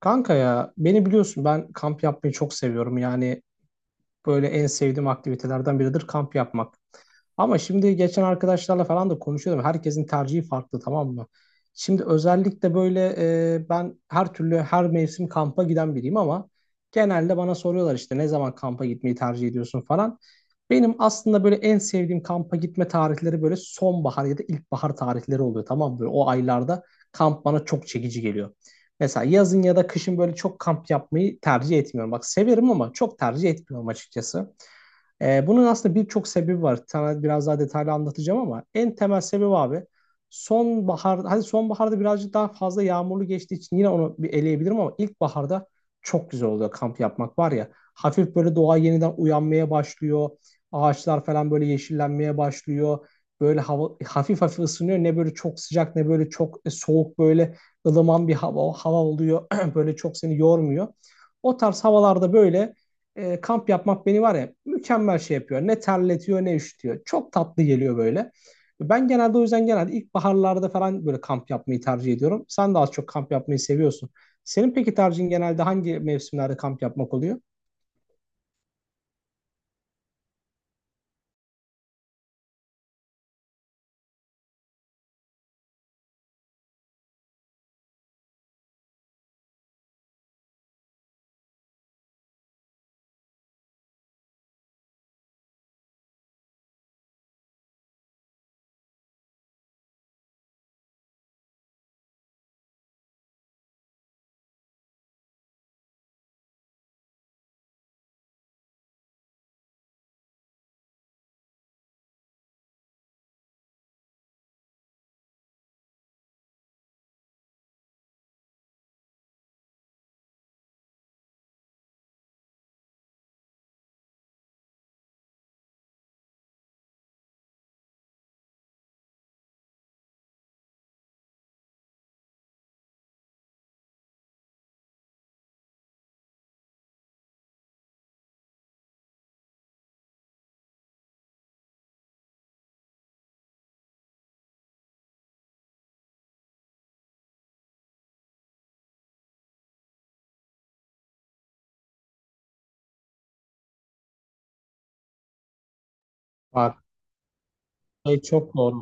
Kanka ya beni biliyorsun ben kamp yapmayı çok seviyorum. Yani böyle en sevdiğim aktivitelerden biridir kamp yapmak. Ama şimdi geçen arkadaşlarla falan da konuşuyordum. Herkesin tercihi farklı, tamam mı? Şimdi özellikle böyle ben her türlü her mevsim kampa giden biriyim ama genelde bana soruyorlar işte ne zaman kampa gitmeyi tercih ediyorsun falan. Benim aslında böyle en sevdiğim kampa gitme tarihleri böyle sonbahar ya da ilkbahar tarihleri oluyor, tamam mı? Böyle o aylarda kamp bana çok çekici geliyor. Mesela yazın ya da kışın böyle çok kamp yapmayı tercih etmiyorum. Bak severim ama çok tercih etmiyorum açıkçası. Bunun aslında birçok sebebi var. Sana biraz daha detaylı anlatacağım ama en temel sebebi abi sonbahar, hadi sonbaharda birazcık daha fazla yağmurlu geçtiği için yine onu bir eleyebilirim ama ilkbaharda çok güzel oluyor kamp yapmak var ya. Hafif böyle doğa yeniden uyanmaya başlıyor. Ağaçlar falan böyle yeşillenmeye başlıyor. Böyle hava hafif hafif ısınıyor. Ne böyle çok sıcak ne böyle çok soğuk, böyle ılıman bir hava oluyor. Böyle çok seni yormuyor. O tarz havalarda böyle kamp yapmak beni var ya mükemmel şey yapıyor. Ne terletiyor ne üşütüyor. Çok tatlı geliyor böyle. Ben genelde o yüzden genelde ilkbaharlarda falan böyle kamp yapmayı tercih ediyorum. Sen de az çok kamp yapmayı seviyorsun. Senin peki tercihin genelde hangi mevsimlerde kamp yapmak oluyor? Aa, şey çok doğru.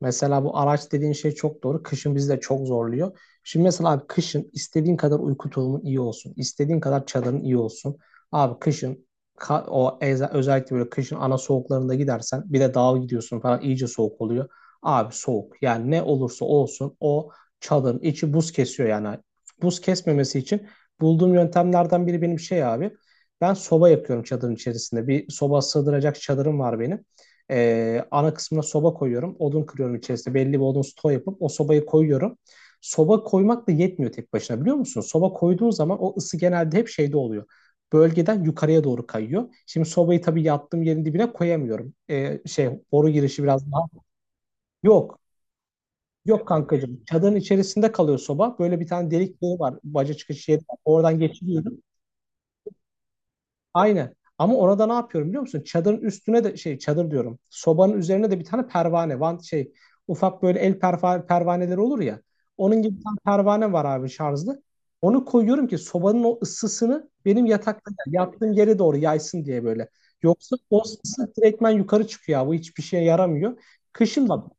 Mesela bu araç dediğin şey çok doğru. Kışın bizi de çok zorluyor. Şimdi mesela abi kışın istediğin kadar uyku tulumun iyi olsun, istediğin kadar çadırın iyi olsun. Abi kışın özellikle böyle kışın ana soğuklarında gidersen bir de dağa gidiyorsun falan iyice soğuk oluyor. Abi soğuk. Yani ne olursa olsun o çadırın içi buz kesiyor yani. Buz kesmemesi için bulduğum yöntemlerden biri benim şey abi. Ben soba yapıyorum çadırın içerisinde. Bir soba sığdıracak çadırım var benim. Ana kısmına soba koyuyorum. Odun kırıyorum içerisinde. Belli bir odun stoğu yapıp o sobayı koyuyorum. Soba koymak da yetmiyor tek başına, biliyor musun? Soba koyduğun zaman o ısı genelde hep şeyde oluyor. Bölgeden yukarıya doğru kayıyor. Şimdi sobayı tabii yattığım yerin dibine koyamıyorum. Şey boru girişi biraz daha. Yok. Yok kankacığım. Çadırın içerisinde kalıyor soba. Böyle bir tane delik boru var. Baca çıkış yeri var. Oradan geçiriyorum. Aynen. Ama orada ne yapıyorum biliyor musun? Çadırın üstüne de şey çadır diyorum. Sobanın üzerine de bir tane pervane. Van şey ufak böyle el pervaneleri olur ya. Onun gibi bir tane pervane var abi şarjlı. Onu koyuyorum ki sobanın o ısısını benim yatakta yattığım yere doğru yaysın diye böyle. Yoksa o ısı direktmen yukarı çıkıyor abi. Bu hiçbir şeye yaramıyor. Kışın bak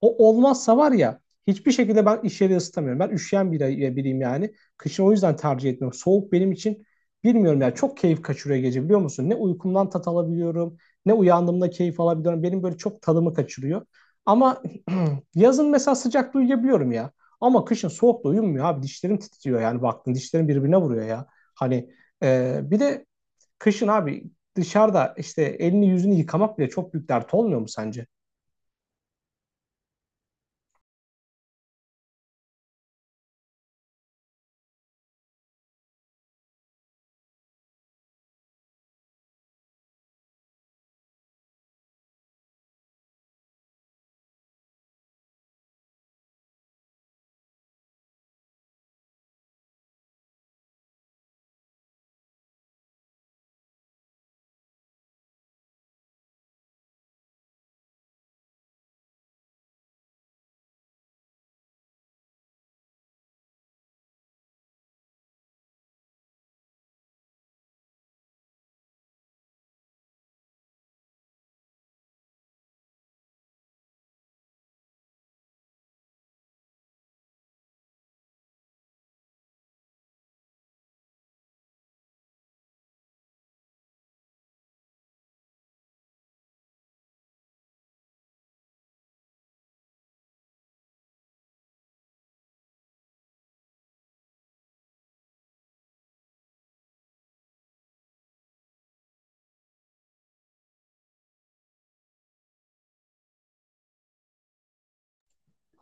o olmazsa var ya hiçbir şekilde ben iş yeri ısıtamıyorum. Ben üşüyen biriyim yani. Kışın o yüzden tercih etmiyorum. Soğuk benim için bilmiyorum yani çok keyif kaçırıyor gece, biliyor musun? Ne uykumdan tat alabiliyorum ne uyandığımda keyif alabiliyorum. Benim böyle çok tadımı kaçırıyor. Ama yazın mesela sıcakta uyuyabiliyorum ya. Ama kışın soğukta uyumuyor abi. Dişlerim titriyor yani baktın dişlerim birbirine vuruyor ya. Hani bir de kışın abi dışarıda işte elini yüzünü yıkamak bile çok büyük dert olmuyor mu sence?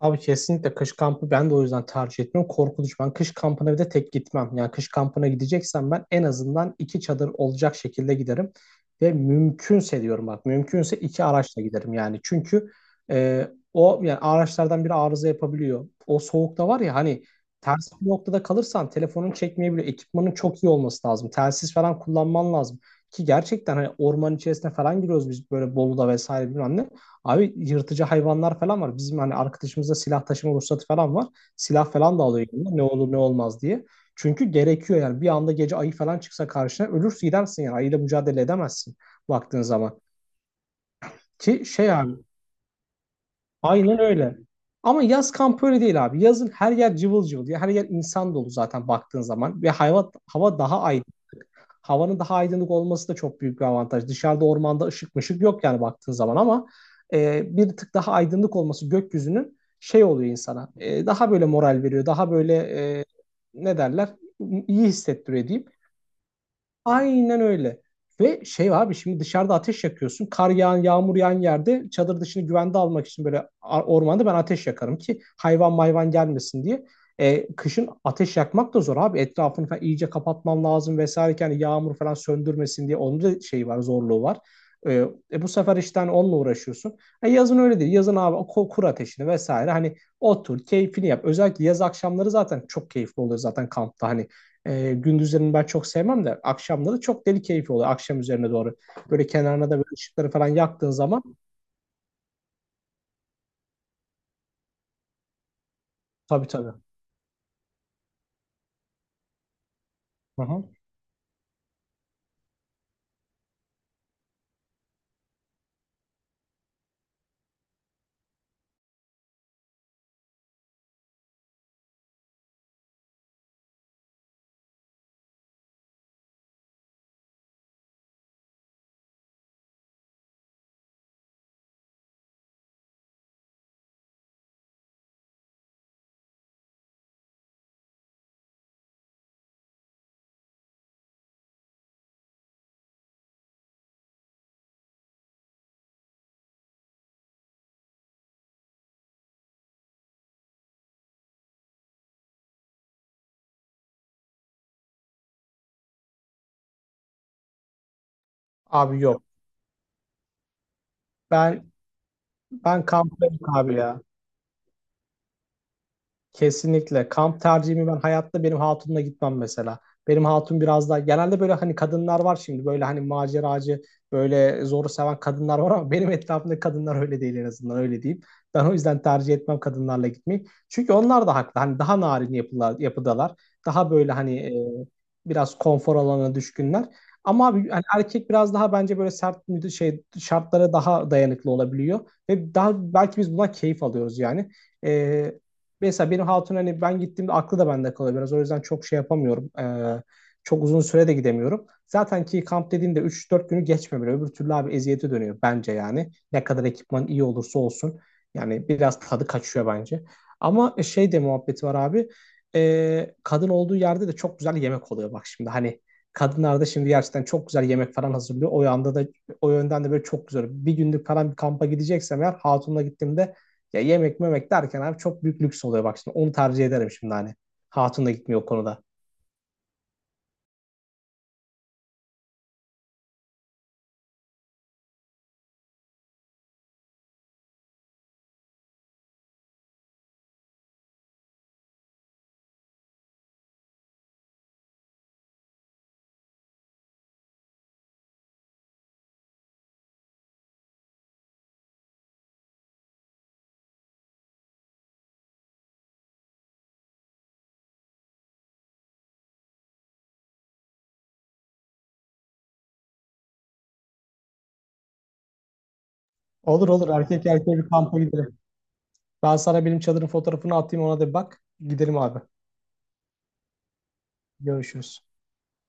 Abi kesinlikle kış kampı ben de o yüzden tercih etmiyorum. Korkunç. Ben kış kampına bir de tek gitmem. Yani kış kampına gideceksem ben en azından iki çadır olacak şekilde giderim. Ve mümkünse diyorum bak mümkünse iki araçla giderim yani. Çünkü e, o yani araçlardan biri arıza yapabiliyor. O soğukta var ya hani ters bir noktada kalırsan telefonun çekmeyebiliyor. Ekipmanın çok iyi olması lazım. Telsiz falan kullanman lazım. Ki gerçekten hani orman içerisine falan giriyoruz biz böyle Bolu'da vesaire bilmem ne. Abi yırtıcı hayvanlar falan var. Bizim hani arkadaşımızda silah taşıma ruhsatı falan var. Silah falan da alıyor yanına ne olur ne olmaz diye. Çünkü gerekiyor yani bir anda gece ayı falan çıksa karşına ölürsün gidersin yani ayıyla mücadele edemezsin baktığın zaman. Ki şey abi aynen öyle. Ama yaz kampı öyle değil abi. Yazın her yer cıvıl cıvıl diye her yer insan dolu zaten baktığın zaman. Ve hava daha aydın. Havanın daha aydınlık olması da çok büyük bir avantaj. Dışarıda ormanda ışık mışık yok yani baktığın zaman ama bir tık daha aydınlık olması gökyüzünün şey oluyor insana. E, daha böyle moral veriyor. Daha böyle e, ne derler? İyi hissettiriyor diyeyim. Aynen öyle. Ve şey abi şimdi dışarıda ateş yakıyorsun. Kar yağan, yağmur yağan yerde çadır dışını güvende almak için böyle ormanda ben ateş yakarım ki hayvan mayvan gelmesin diye. E, kışın ateş yakmak da zor abi. Etrafını falan iyice kapatman lazım vesaire. Ki yani yağmur falan söndürmesin diye onun da şeyi var, zorluğu var. E, Bu sefer işte hani onunla uğraşıyorsun. E, yazın öyle değil. Yazın abi kur ateşini vesaire. Hani otur, keyfini yap. Özellikle yaz akşamları zaten çok keyifli oluyor zaten kampta. Hani gündüzlerini ben çok sevmem de akşamları çok deli keyfi oluyor akşam üzerine doğru. Böyle kenarına da böyle ışıkları falan yaktığın zaman tabii, tabii. Hı hı. Abi yok. Ben ben kamptayım abi ya. Kesinlikle. Kamp tercihimi ben hayatta benim hatunla gitmem mesela. Benim hatun biraz daha genelde böyle hani kadınlar var şimdi böyle hani maceracı böyle zoru seven kadınlar var ama benim etrafımda kadınlar öyle değil, en azından öyle diyeyim. Ben o yüzden tercih etmem kadınlarla gitmeyi. Çünkü onlar da haklı. Hani daha narin yapılar, yapıdalar. Daha böyle hani biraz konfor alanına düşkünler. Ama abi hani erkek biraz daha bence böyle sert şey şartlara daha dayanıklı olabiliyor ve daha belki biz bundan keyif alıyoruz yani. E, Mesela benim hatun hani ben gittiğimde aklı da bende kalıyor biraz. O yüzden çok şey yapamıyorum. Çok uzun süre de gidemiyorum. Zaten ki kamp dediğinde 3-4 günü geçmiyor bile. Öbür türlü abi eziyete dönüyor bence yani. Ne kadar ekipman iyi olursa olsun. Yani biraz tadı kaçıyor bence. Ama şey de muhabbeti var abi. Kadın olduğu yerde de çok güzel yemek oluyor bak şimdi. Hani kadınlar da şimdi gerçekten çok güzel yemek falan hazırlıyor. O yanda da o yönden de böyle çok güzel. Bir günlük falan bir kampa gideceksem eğer hatunla gittiğimde ya yemek memek derken abi çok büyük lüks oluyor bak şimdi. Onu tercih ederim şimdi hani. Hatun da gitmiyor o konuda. Olur olur, erkek erkeğe bir kampa gidelim. Ben sana benim çadırın fotoğrafını atayım, ona da bir bak. Gidelim abi. Görüşürüz.